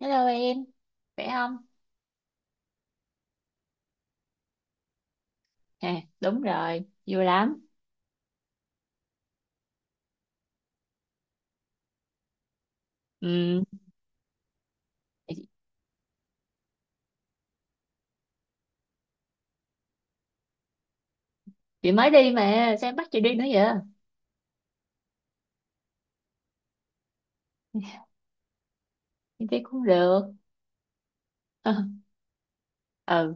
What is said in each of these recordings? Hello em, khỏe không? À, đúng rồi, vui lắm. Ừ, chị mới đi mà, sao em bắt chị đi nữa vậy? Em đi cũng được. Ờ, ừ,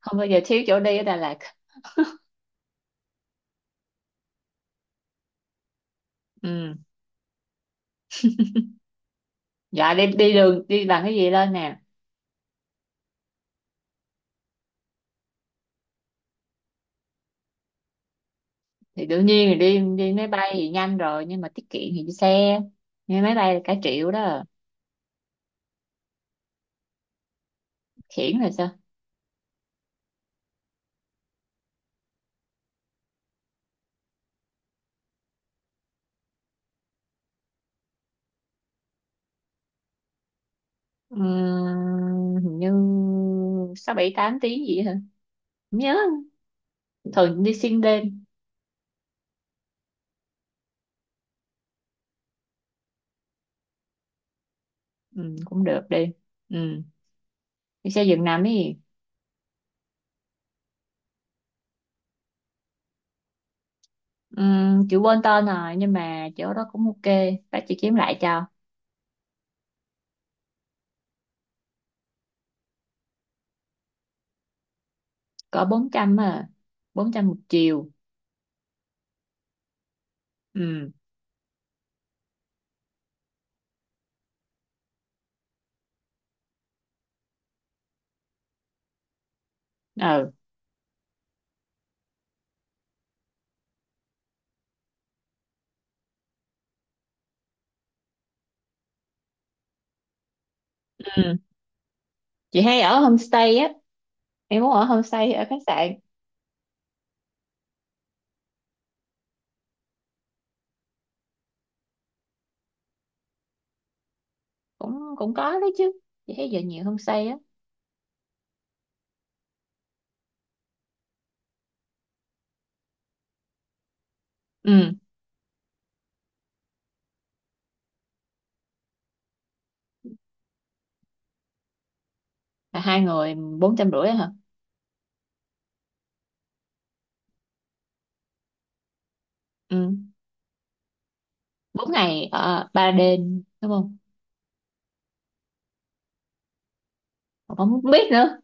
không bao giờ thiếu chỗ đi ở Đà Lạt. Ừ, dạ đi đi đường, đi bằng cái gì lên nè? Thì đương nhiên là đi đi máy bay thì nhanh rồi, nhưng mà tiết kiệm thì đi xe. Nhưng máy bay là cả triệu đó, khiển là sao? Ừ, hình như 6, 7, 8 tiếng gì hả? Không nhớ, thường đi xuyên đêm, ừ, cũng được đi. Ừ, đi xe giường nằm đi. Chị quên tên rồi nhưng mà chỗ đó cũng ok, bác chị kiếm lại cho. Cỡ 400 à, 400 một chiều. Ừ, ừ, ừ. Chị hay ở homestay á, em muốn ở homestay hay ở khách sạn? Cũng cũng có đấy chứ, chị thấy giờ nhiều homestay á. Ừ, là hai người 450 hả? Ừ, bốn ngày ở ba đêm đúng không? Mà không biết nữa.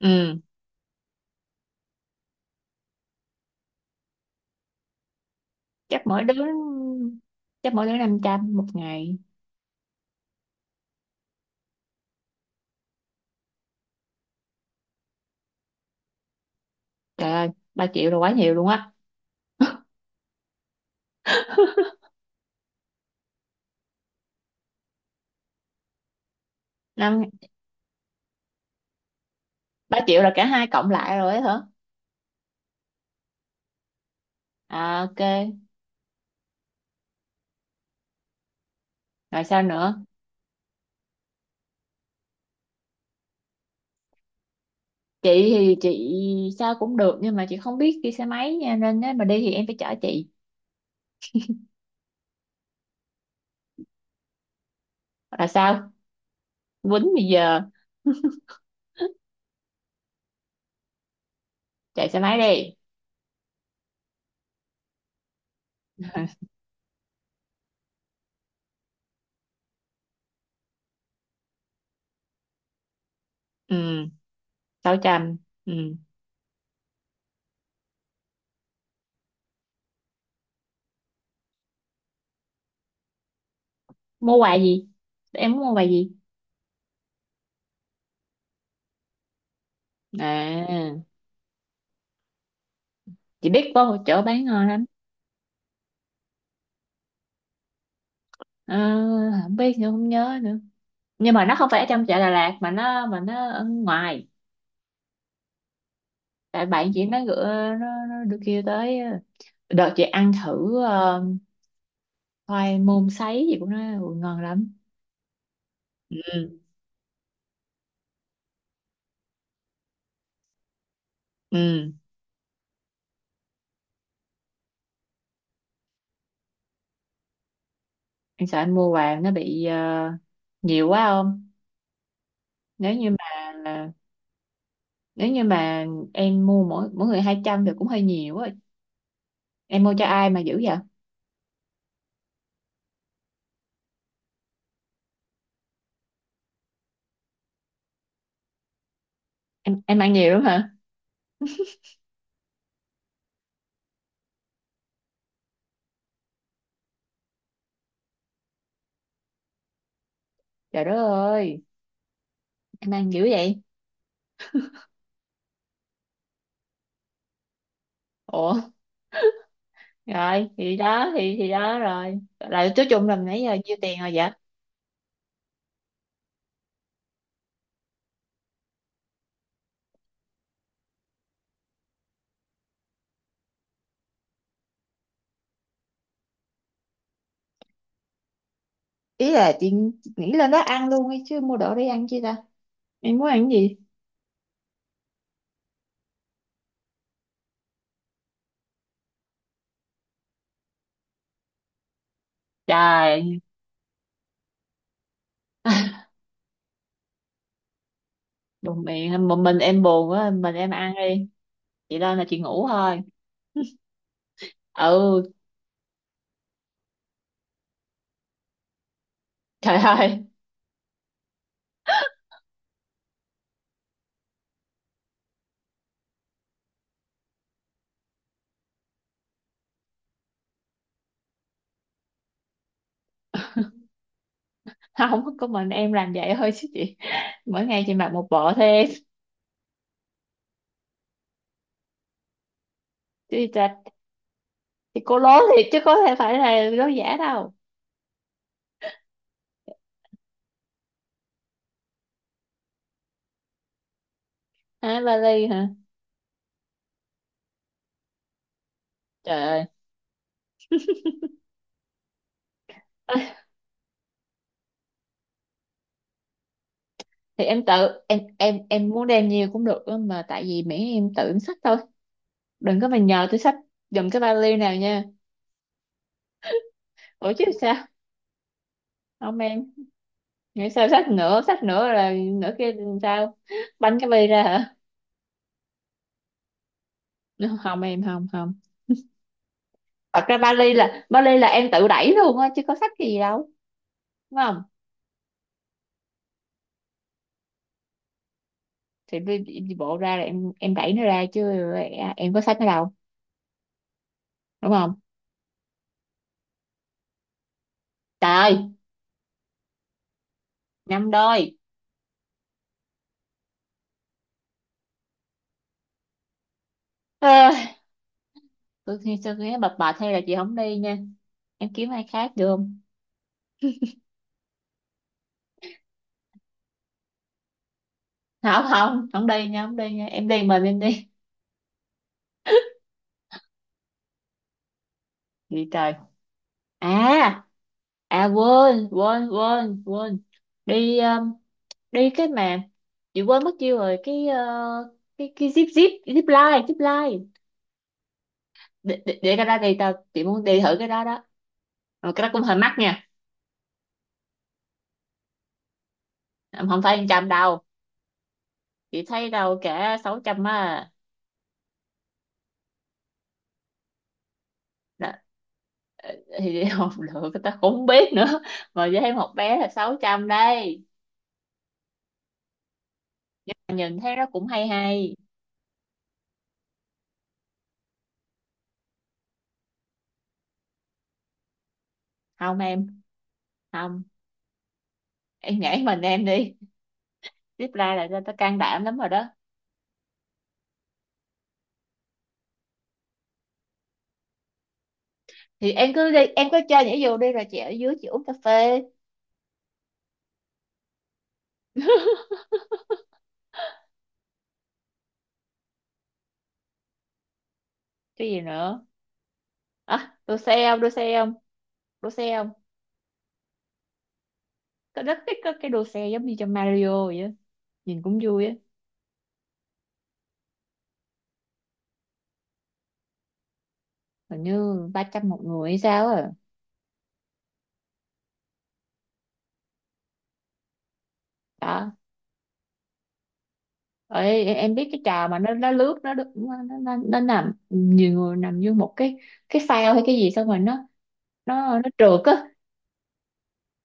Ừ, chắc mỗi đứa chắc mỗi đứa 500 một ngày. Trời ơi, 3 triệu là quá nhiều luôn á. Năm, 3 triệu là cả hai cộng lại rồi ấy hả? À ok, rồi sao nữa? Chị thì chị sao cũng được nhưng mà chị không biết đi xe máy nha, nên nếu mà đi thì em phải chở chị. Là sao? Quýnh bây giờ chạy xe máy đi. Ừ, 600. Ừ. Mua quà gì? Em muốn mua quà gì? À, chị biết có một chỗ bán ngon lắm. Ờ, không biết nữa, không nhớ nữa. Nhưng mà nó không phải ở trong chợ Đà Lạt mà nó ở ngoài. Tại bạn chị nó gửi, nó được kia tới đợt chị ăn thử khoai môn sấy gì của nó. Ừ, ngon lắm. Ừ, ừ, em sợ anh mua vàng nó bị nhiều quá không? Nếu như mà nếu như mà em mua mỗi mỗi người 200 thì cũng hơi nhiều á. Em mua cho ai mà dữ vậy? Em ăn nhiều lắm hả? Trời đất ơi, em ăn dữ vậy? Ủa, rồi thì đó, thì đó rồi là, nói chung là nãy giờ nhiêu tiền rồi vậy? Ý là chị nghĩ lên đó ăn luôn ấy chứ, mua đồ đi ăn chi ta? Em muốn ăn cái gì? Trời. Đùng miệng một mình em, buồn quá mình em ăn đi, chị lên là chị ngủ thôi. Ừ. Trời ơi, không có, mình em làm vậy thôi chứ chị. Mỗi ngày chị mặc một bộ thế chứ ta, thì cô lố thiệt chứ có thể phải là lố giả đâu. À, vali hả? Trời ơi. Thì em tự em muốn đem nhiều cũng được á, mà tại vì miễn em tự em xách thôi. Đừng có mà nhờ tôi xách giùm cái vali nào nha. Ủa chứ sao? Không em, nghĩ sao xách nữa là nữa kia làm sao? Bánh cái vali ra hả? Không em, không, không. Thật ra Bali là em tự đẩy luôn á chứ có sách cái gì đâu, đúng không? Thì đi, đi đi bộ ra là em đẩy nó ra chứ. Em có sách nó đâu, đúng không? Trời ơi, năm đôi. à, tôi khi tôi nghĩ bập bệt hay là chị không đi nha, em kiếm ai khác được không? Không, không, không đi nha, không đi nha, em đi mình em đi. Gì trời? À à quên quên quên quên, đi đi cái mà chị quên mất tiêu rồi, cái cái zip zip zip line zip line. Để cái đó đi, tao chị muốn đi thử cái đó đó. Mà cái đó cũng hơi mắc nha. Em không phải 100 đâu, chị thấy đâu cả 600 á. Là, thì học được tao cũng không biết nữa, mà với thấy một bé là 600 đây. Nhìn thấy nó cũng hay hay. Không em, không em nhảy mình em đi tiếp ra là tao tao can đảm lắm rồi đó. Thì em cứ đi, em cứ chơi nhảy dù đi rồi chị ở dưới chị uống cà phê. Cái gì nữa? À, đua xe không? Đua xe không? Đua xe không? Cậu rất thích các cái đồ xe giống như trong Mario vậy á. Nhìn cũng vui á. Hình như 300 một người hay sao à. Đó. Ê, em biết cái trò mà nó lướt nó đu- nó nằm, nhiều người nằm vô một cái phao hay cái gì xong rồi nó trượt á.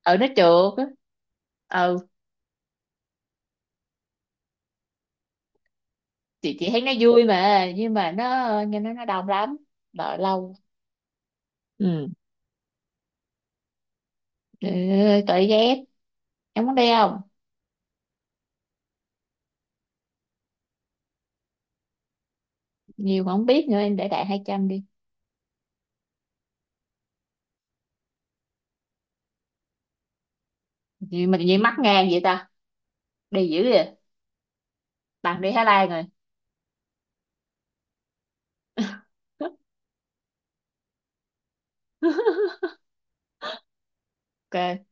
Ừ, nó trượt á. Ừ, chị thấy nó vui mà nhưng mà nó, nghe nó đông lắm, đợi lâu. Ừ, tội ghét, em muốn đi không? Nhiều mà không biết nữa, em để đại 200 đi. Gì mà tự nhiên mắc ngang vậy ta, đi dữ vậy. Bạn đi Thái Lan rồi. Ok,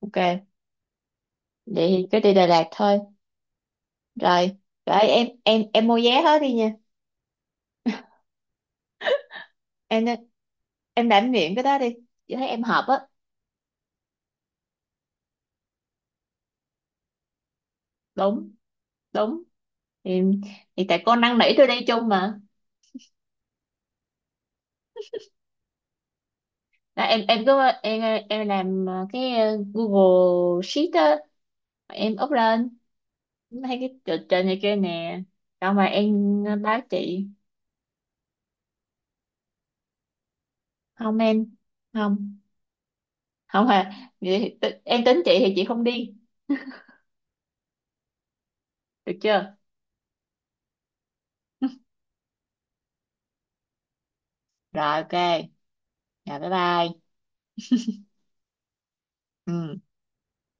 ok, vậy thì cứ đi Đà Lạt thôi. Rồi, rồi, em em mua vé hết đi nha. em nên- em đảm nhiệm cái đó đi, chị thấy em hợp á. Đúng, đúng, thì, thì tại con năn nỉ tôi đi chung mà. Đó, em cứ em làm cái Google Sheet á, em up lên, thấy cái trình trên này kia nè, xong mà em báo chị. Không em, không, không. À, vậy thì em tính chị thì chị không đi, được chưa? Rồi, ok. Rồi bye bye. Ừ.